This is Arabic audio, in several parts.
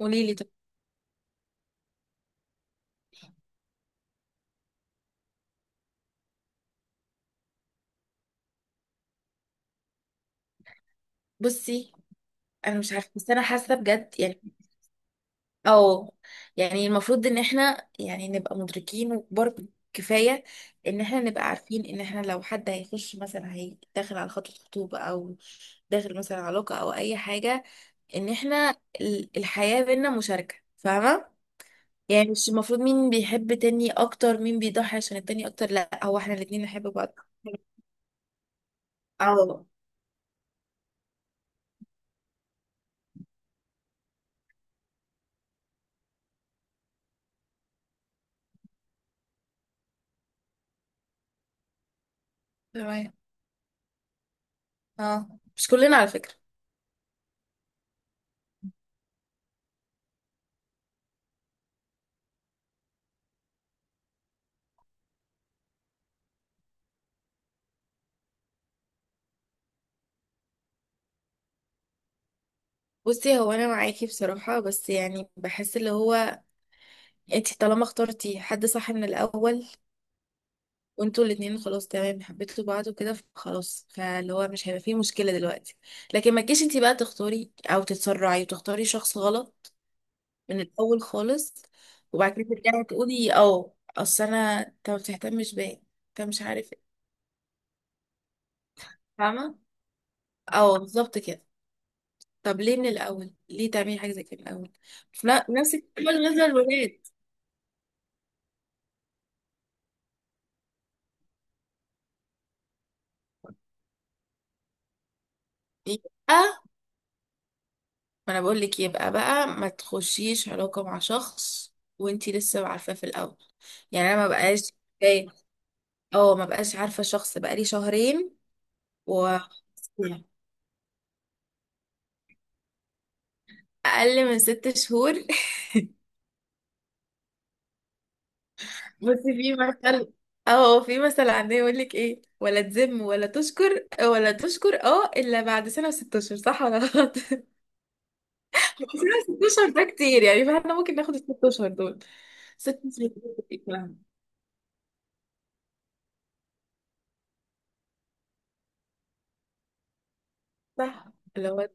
قولي لي طب. بصي، انا مش عارفه، بس انا حاسه بجد. اه يعني المفروض ان احنا يعني نبقى مدركين وكبار كفايه، ان احنا نبقى عارفين ان احنا لو حد هيخش، مثلا هي داخل على خطوبه او داخل مثلا علاقه او اي حاجه، ان احنا الحياه بينا مشاركه، فاهمه؟ يعني مش المفروض مين بيحب تاني اكتر، مين بيضحي عشان التاني اكتر، لا هو احنا الاتنين نحب بعض. اه، تمام. اه، مش كلنا على فكره. بصي، هو انا معاكي بصراحة، بس يعني بحس اللي هو انتي طالما اخترتي حد صح من الاول، وانتوا الاتنين خلاص تمام حبيتوا بعض وكده، خلاص فاللي هو مش هيبقى فيه مشكلة دلوقتي. لكن ما تجيش انتي بقى تختاري او تتسرعي وتختاري شخص غلط من الاول خالص، وبعد كده ترجعي تقولي اه اصل انا انت ما بتهتمش بيا، انت مش عارف ايه، فاهمة؟ اه بالظبط كده. طب ليه من الاول، ليه تعملي حاجة زي كده من الاول؟ في نفس الكلام بالنسبة للولاد. يبقى ما انا بقول لك، يبقى بقى ما تخشيش علاقة مع شخص وانتي لسه عارفاه في الاول. يعني انا ما بقاش جاي، اه ما بقاش عارفة شخص بقالي شهرين و اقل من 6 شهور بصي في مثل، اه في مثل عندنا يقول لك ايه، ولا تذم ولا تشكر، اه الا بعد سنة و6 اشهر، صح ولا غلط؟ سنة و6 اشهر ده كتير يعني، فاحنا ممكن ناخد الـ6 اشهر دول. ست اشهر دول كتير فعلاً. صح اللي هو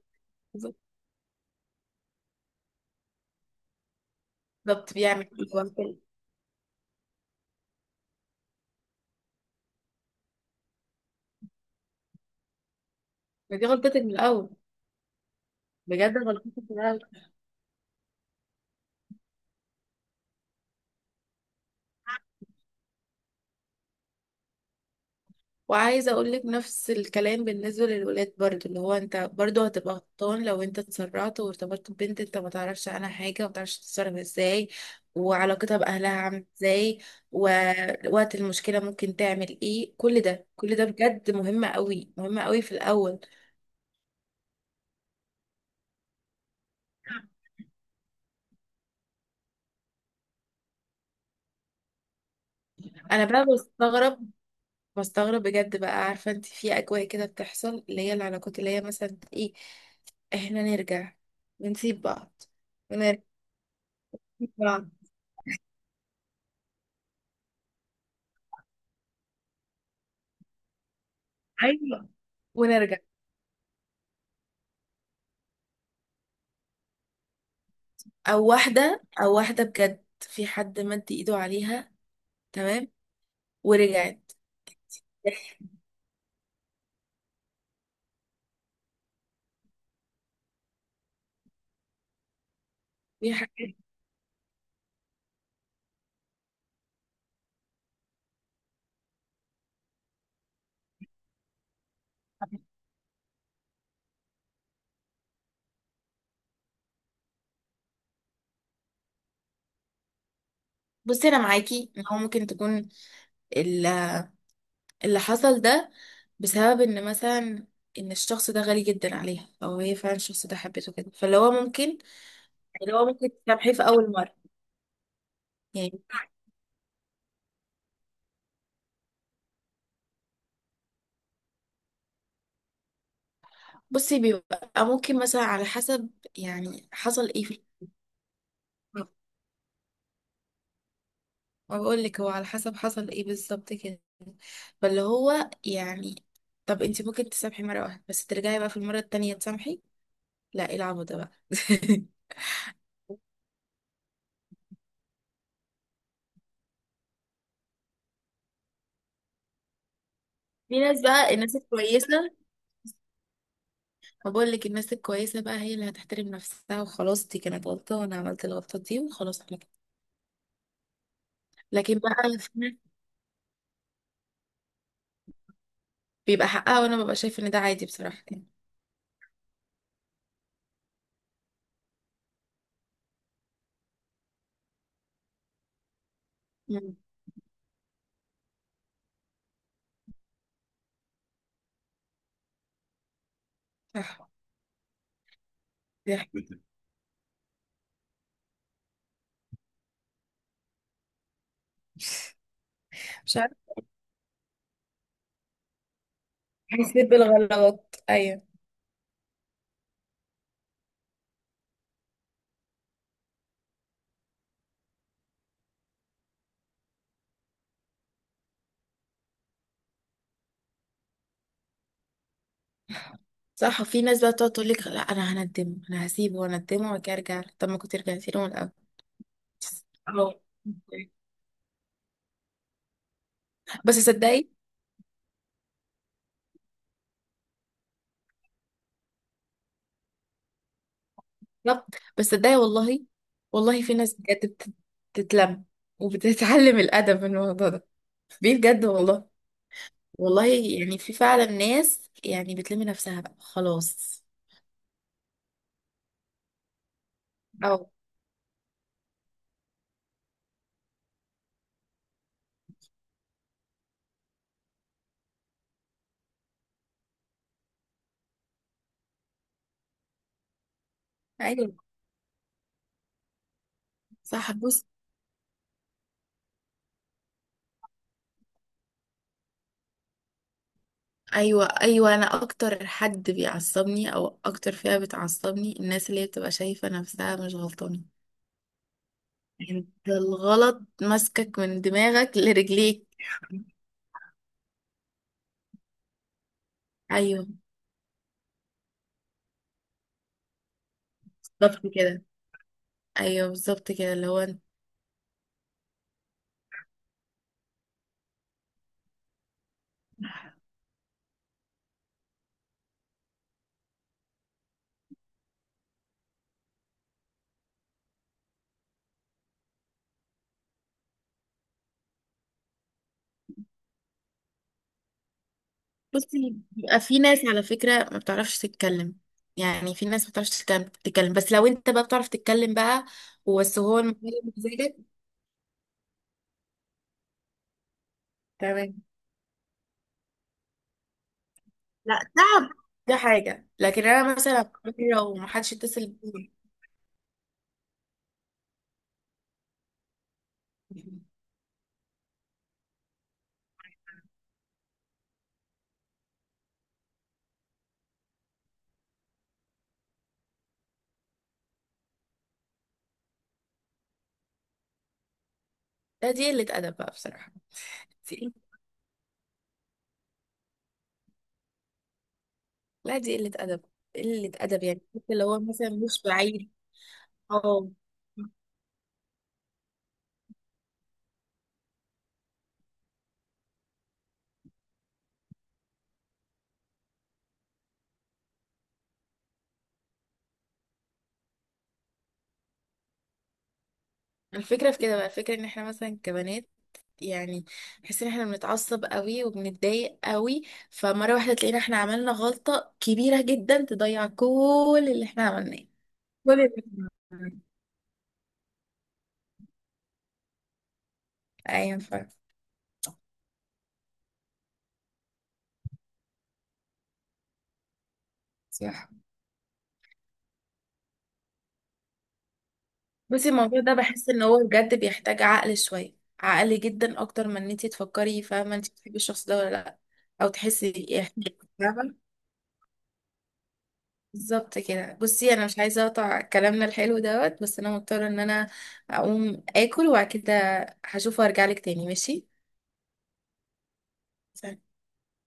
بالظبط بيعمل كده. ما دي غلطتك من الاول، بجد غلطتك من الاول. وعايزه اقول لك نفس الكلام بالنسبه للولاد برضو، اللي هو انت برضو هتبقى غلطان لو انت اتسرعت وارتبطت ببنت انت ما تعرفش عنها حاجه، وما تعرفش تتصرف ازاي، وعلاقتها باهلها عامله ازاي، ووقت المشكله ممكن تعمل ايه. كل ده، كل ده بجد مهم قوي، مهم قوي في الاول. انا بقى بستغرب، بستغرب بجد بقى، عارفة انت في اجواء كده بتحصل، اللي هي العلاقات اللي هي مثلا ايه، احنا نرجع، بنسيب بعض ونرجع، بنسيب بعض، ايوه ونرجع. او واحدة، او واحدة بجد في حد مد ايده عليها، تمام ورجعت. في حاجات بصي انا معاكي ان هو ممكن تكون ال- اللي حصل ده بسبب ان مثلا ان الشخص ده غالي جدا عليها، او هي فعلا الشخص ده حبته كده، فاللي هو ممكن، اللي هو ممكن تسامحيه في اول مره يعني. بصي بيبقى ممكن مثلا على حسب، يعني حصل ايه في الحوار. ما بقول لك هو على حسب حصل ايه بالظبط كده، فاللي هو يعني طب انت ممكن تسامحي مره واحده، بس ترجعي بقى في المره التانية تسامحي، لا ايه العبط ده بقى؟ في ناس بقى، الناس الكويسه، ما بقول لك الناس الكويسه بقى هي اللي هتحترم نفسها، وخلاص دي كانت غلطه وانا عملت الغلطه دي، وخلاص احنا كده. لكن بقى في ناس بيبقى حقها، وانا ببقى شايف ان ده عادي بصراحه يعني. مم. صح. صح. مش عارفه. بنسيب الغلط، ايوه. صح، وفي ناس بقى بتقعد تقول لك لا انا هندمه، انا هسيبه واندمه وبعد كده ارجع له. طب ما كنت رجعتي له من الاول. أهو. بس صدقي، بالظبط، بس صدقي والله، والله في ناس بجد بتتلم وبتتعلم الادب من الموضوع ده، بيه بجد والله. والله يعني في فعلا ناس يعني بتلم نفسها بقى خلاص. او ايوه، صح، بص. ايوه ايوه، انا اكتر حد بيعصبني او اكتر فئة بتعصبني، الناس اللي هي بتبقى شايفة نفسها مش غلطانة. انت الغلط ماسكك من دماغك لرجليك. ايوه بالظبط كده. ايوه بالظبط كده اللي هو انت. بصي بيبقى في ناس على فكره ما بتعرفش تتكلم، يعني في ناس ما بتعرفش تتكلم تتكلم. بس لو انت بقى بتعرف تتكلم بقى، بس هو المتكلم مزاجك. تمام. لا، تعب ده حاجه، لكن انا مثلا لو ما حدش اتصل بيا، لا دي قله ادب بقى بصراحه. دي- لا دي قله ادب، قله ادب، يعني حتى لو هو مثلا مش بعيد. اه الفكرة في كده بقى، الفكرة ان احنا مثلا كبنات يعني، بحس ان احنا بنتعصب قوي وبنتضايق قوي، فمرة واحدة تلاقينا احنا عملنا غلطة كبيرة جدا تضيع كل اللي احنا عملناه، كل اللي إحنا عملناه. ايوه فعلا. صح. بس الموضوع ده بحس ان هو بجد بيحتاج عقل، شوية عقل جدا اكتر من ان انتي تفكري، فاهمة انتي بتحبي الشخص ده ولا لا، او تحسي إيه، فاهمة؟ بالظبط كده. بصي انا مش عايزه اقطع كلامنا الحلو دوت، بس انا مضطره ان انا اقوم اكل، وبعد كده هشوف وارجع لك تاني، ماشي؟